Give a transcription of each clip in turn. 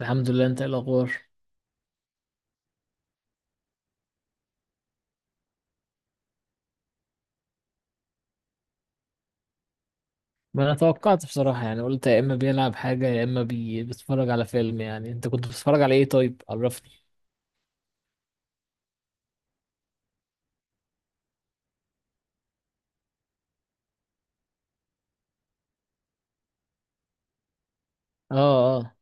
الحمد لله. انت ايه الاخبار؟ ما انا توقعت بصراحة، يعني قلت يا اما بيلعب حاجة يا اما بيتفرج على فيلم. يعني انت كنت بتتفرج على ايه؟ طيب عرفني. اه، اه.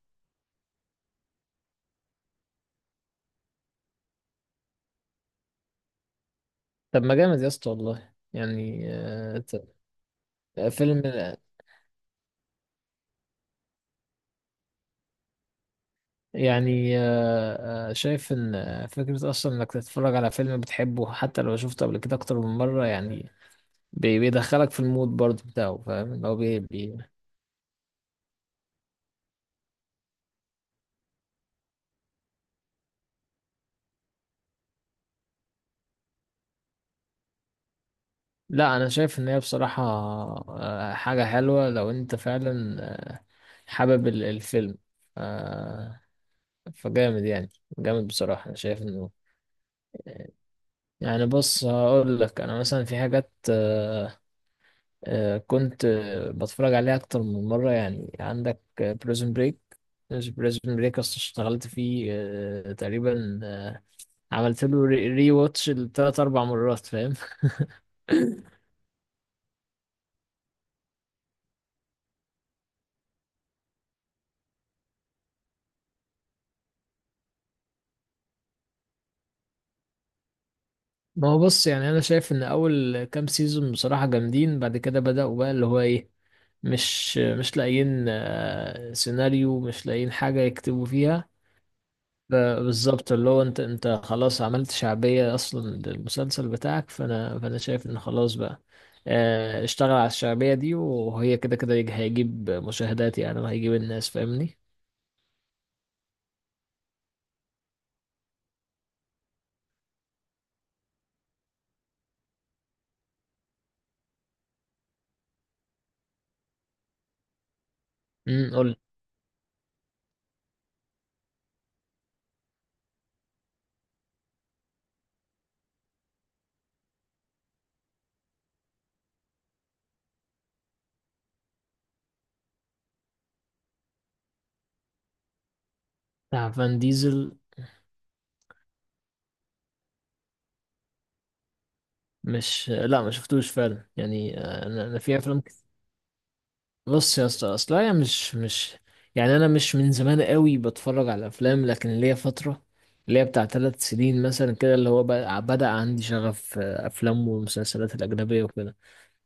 طب ما جامد يا اسطى، والله يعني فيلم. يعني شايف ان فكرة اصلا انك تتفرج على فيلم بتحبه، حتى لو شفته قبل كده اكتر من مرة يعني. بيدخلك في المود برضه بتاعه، فاهم؟ لا، انا شايف ان هي بصراحة حاجة حلوة لو انت فعلا آه، حابب الفيلم. آه، فجامد يعني. جامد بصراحة، انا شايف انه. يعني بص، هقول لك انا مثلا في حاجات كنت بتفرج عليها اكتر من مرة، يعني عندك بريزون بريك اشتغلت فيه تقريبا عملت له ري واتش لتلات اربع مرات، فاهم؟ ما هو بص، يعني انا شايف ان اول كام سيزون بصراحة جامدين، بعد كده بدأوا بقى اللي هو ايه. مش لاقيين سيناريو، مش لاقيين حاجة يكتبوا فيها. بالظبط، اللي هو انت خلاص عملت شعبية اصلا للمسلسل بتاعك، فانا شايف ان خلاص بقى. اشتغل على الشعبية دي، وهي كده كده هيجيب مشاهدات يعني، وهيجيب الناس، فاهمني؟ قول. بتاع فان ديزل؟ مش لا، ما شفتوش فعلا يعني. انا في افلام. بص يا اسطى، اصل انا مش يعني، انا مش من زمان قوي بتفرج على افلام، لكن ليا فتره اللي هي بتاع 3 سنين مثلا كده، اللي هو بدأ عندي شغف افلام والمسلسلات الاجنبيه وكده.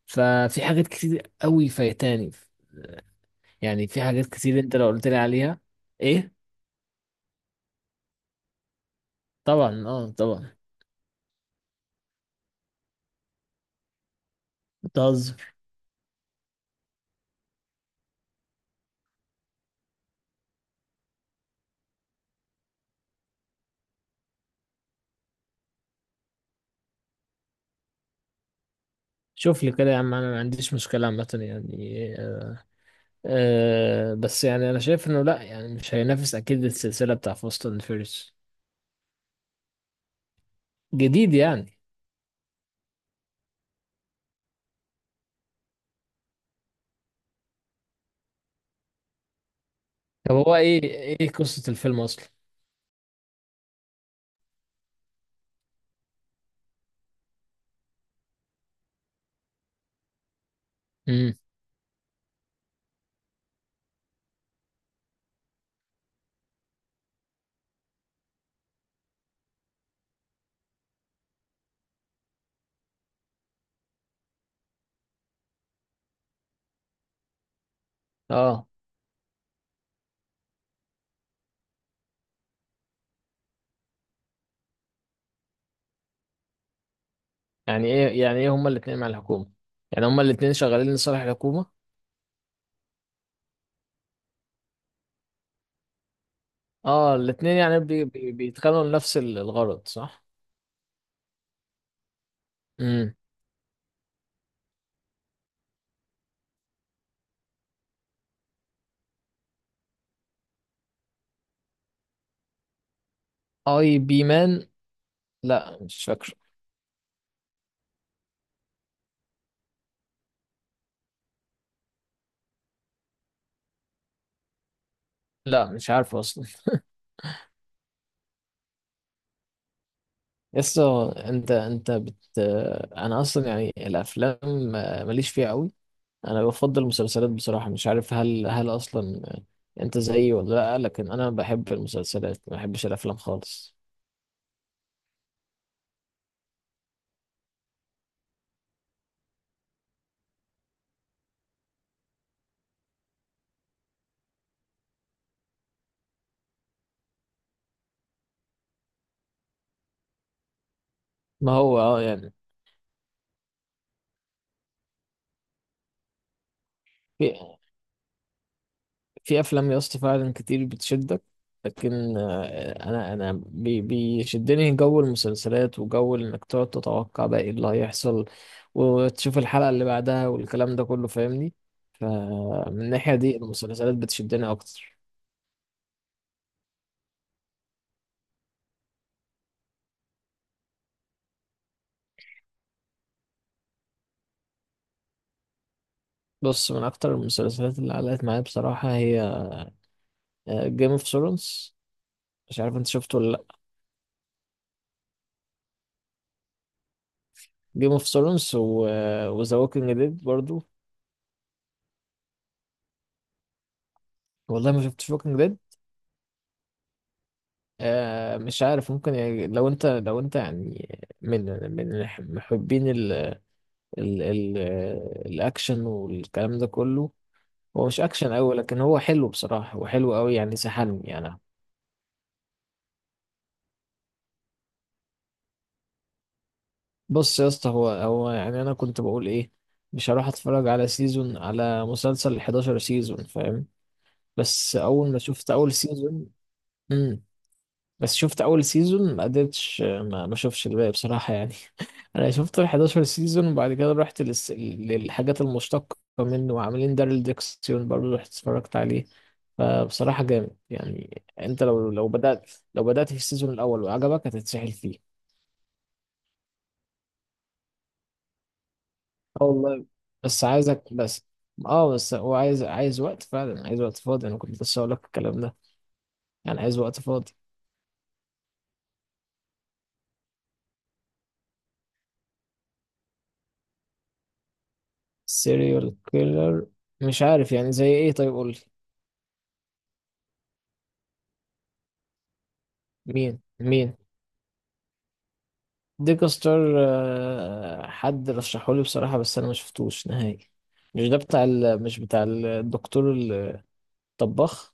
ففي حاجات كتير قوي فايتاني، يعني في حاجات كتير انت لو قلت لي عليها. ايه؟ طبعا، اه طبعا. بتهزر؟ شوف لي كده يا عم، انا ما عنديش مشكله عامه يعني. بس يعني انا شايف انه لا يعني، مش هينافس اكيد السلسله بتاع فاست اند فيرس. جديد يعني؟ طب هو ايه؟ ايه قصة الفيلم اصلا؟ امم، اه. يعني ايه؟ يعني ايه هما الاتنين مع الحكومة؟ يعني هما الاتنين شغالين لصالح الحكومة؟ اه، الاتنين يعني بي بي بيتخانقوا لنفس الغرض، صح؟ امم. اي بي مان؟ لا، مش فاكره. لا، مش عارفه اصلا. يسا انت انت بت انا اصلا يعني الافلام ماليش فيها قوي. انا بفضل المسلسلات بصراحة، مش عارف هل اصلا انت زيي ولا لا، لكن انا بحب المسلسلات ما بحبش الافلام خالص. ما هو اه يعني. في في افلام يا اسطى فعلا كتير بتشدك، لكن انا بيشدني جو المسلسلات، وجو انك تقعد تتوقع بقى ايه اللي هيحصل وتشوف الحلقة اللي بعدها والكلام ده كله، فاهمني؟ فمن الناحية دي المسلسلات بتشدني اكتر. بص، من اكتر المسلسلات اللي علقت معايا بصراحة هي جيم اوف ثرونز، مش عارف انت شفته ولا لا. جيم اوف ثرونز وذا ووكينج ديد برضو. والله ما شفتش ووكينج ديد. مش عارف، ممكن يعني لو انت يعني من محبين ال ال ال الاكشن والكلام ده كله. هو مش اكشن قوي، لكن هو حلو بصراحة، هو حلو قوي يعني، سحلني يعني. بص يا اسطى، هو يعني انا كنت بقول ايه، مش هروح اتفرج على سيزون، على مسلسل 11 سيزون، فاهم؟ بس اول ما شفت اول سيزون. بس شفت اول سيزون ما قدرتش، ما شفتش الباقي بصراحه يعني. انا شفت ال 11 سيزون، وبعد كده رحت للحاجات المشتقه منه، وعاملين دارل ديكسيون برضه رحت اتفرجت عليه. فبصراحه جامد يعني، انت لو بدات في السيزون الاول وعجبك هتتسحل فيه. اه، والله. بس عايزك بس. اه، بس هو عايز وقت فعلا، عايز وقت فاضي، انا كنت لسه هقول لك الكلام ده. يعني عايز وقت فاضي. سيريال كيلر؟ مش عارف يعني زي ايه؟ طيب قول لي. مين؟ ديكستر حد رشحولي بصراحة، بس أنا ما شفتوش نهائي. مش ده بتاع مش بتاع الدكتور الطباخ؟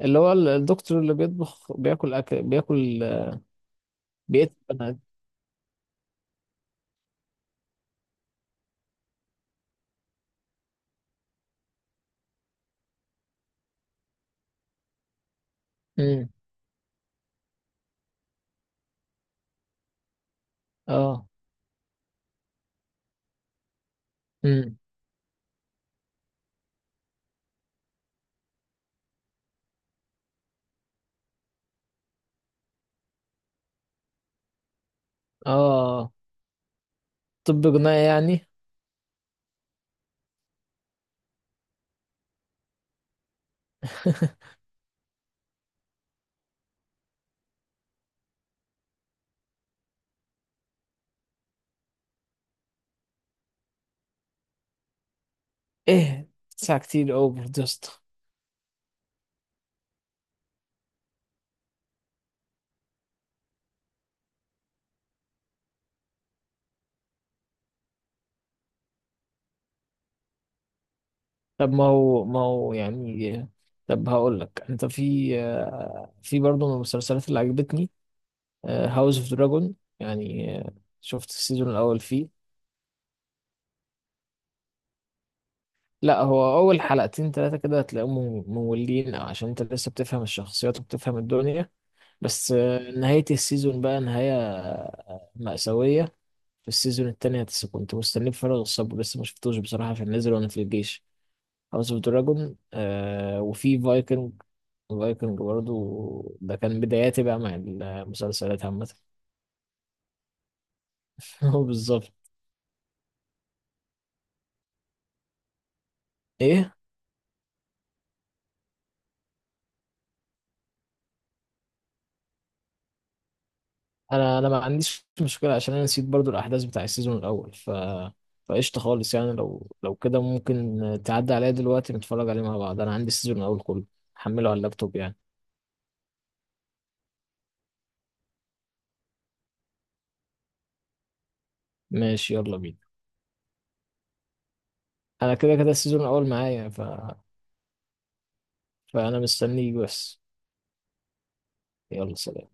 اللي هو الدكتور اللي بيطبخ بياكل، أكل بياكل بيقتل بنات. امم، اه. امم، اه. طب، جناية يعني؟ ايه، ساعة كتير، اوفر دوست. طب ما هو يعني. طب هقول لك انت، في برضه من المسلسلات اللي عجبتني هاوس اوف دراجون. يعني شفت السيزون الاول فيه. لا، هو اول حلقتين ثلاثه كده هتلاقيهم مملين، أو عشان انت لسه بتفهم الشخصيات وبتفهم الدنيا. بس نهايه السيزون بقى نهايه مأساويه. في السيزون التاني كنت مستنيه بفارغ الصبر، لسه ما شفتوش بصراحه في النزل وانا في الجيش. هاوس اوف دراجون. وفي فايكنج. فايكنج برضو ده كان بداياتي بقى مع المسلسلات عامه. هو بالظبط. ايه؟ انا ما عنديش مشكله عشان انا نسيت برضو الاحداث بتاع السيزون الاول ف... فقشطه خالص يعني، لو كده ممكن تعدي عليا دلوقتي نتفرج عليه مع بعض، انا عندي السيزون الاول كله هحمله على اللابتوب يعني. ماشي، يلا بينا. انا كده كده السيزون الاول معايا، ف... فانا مستنيك بس. يلا، سلام.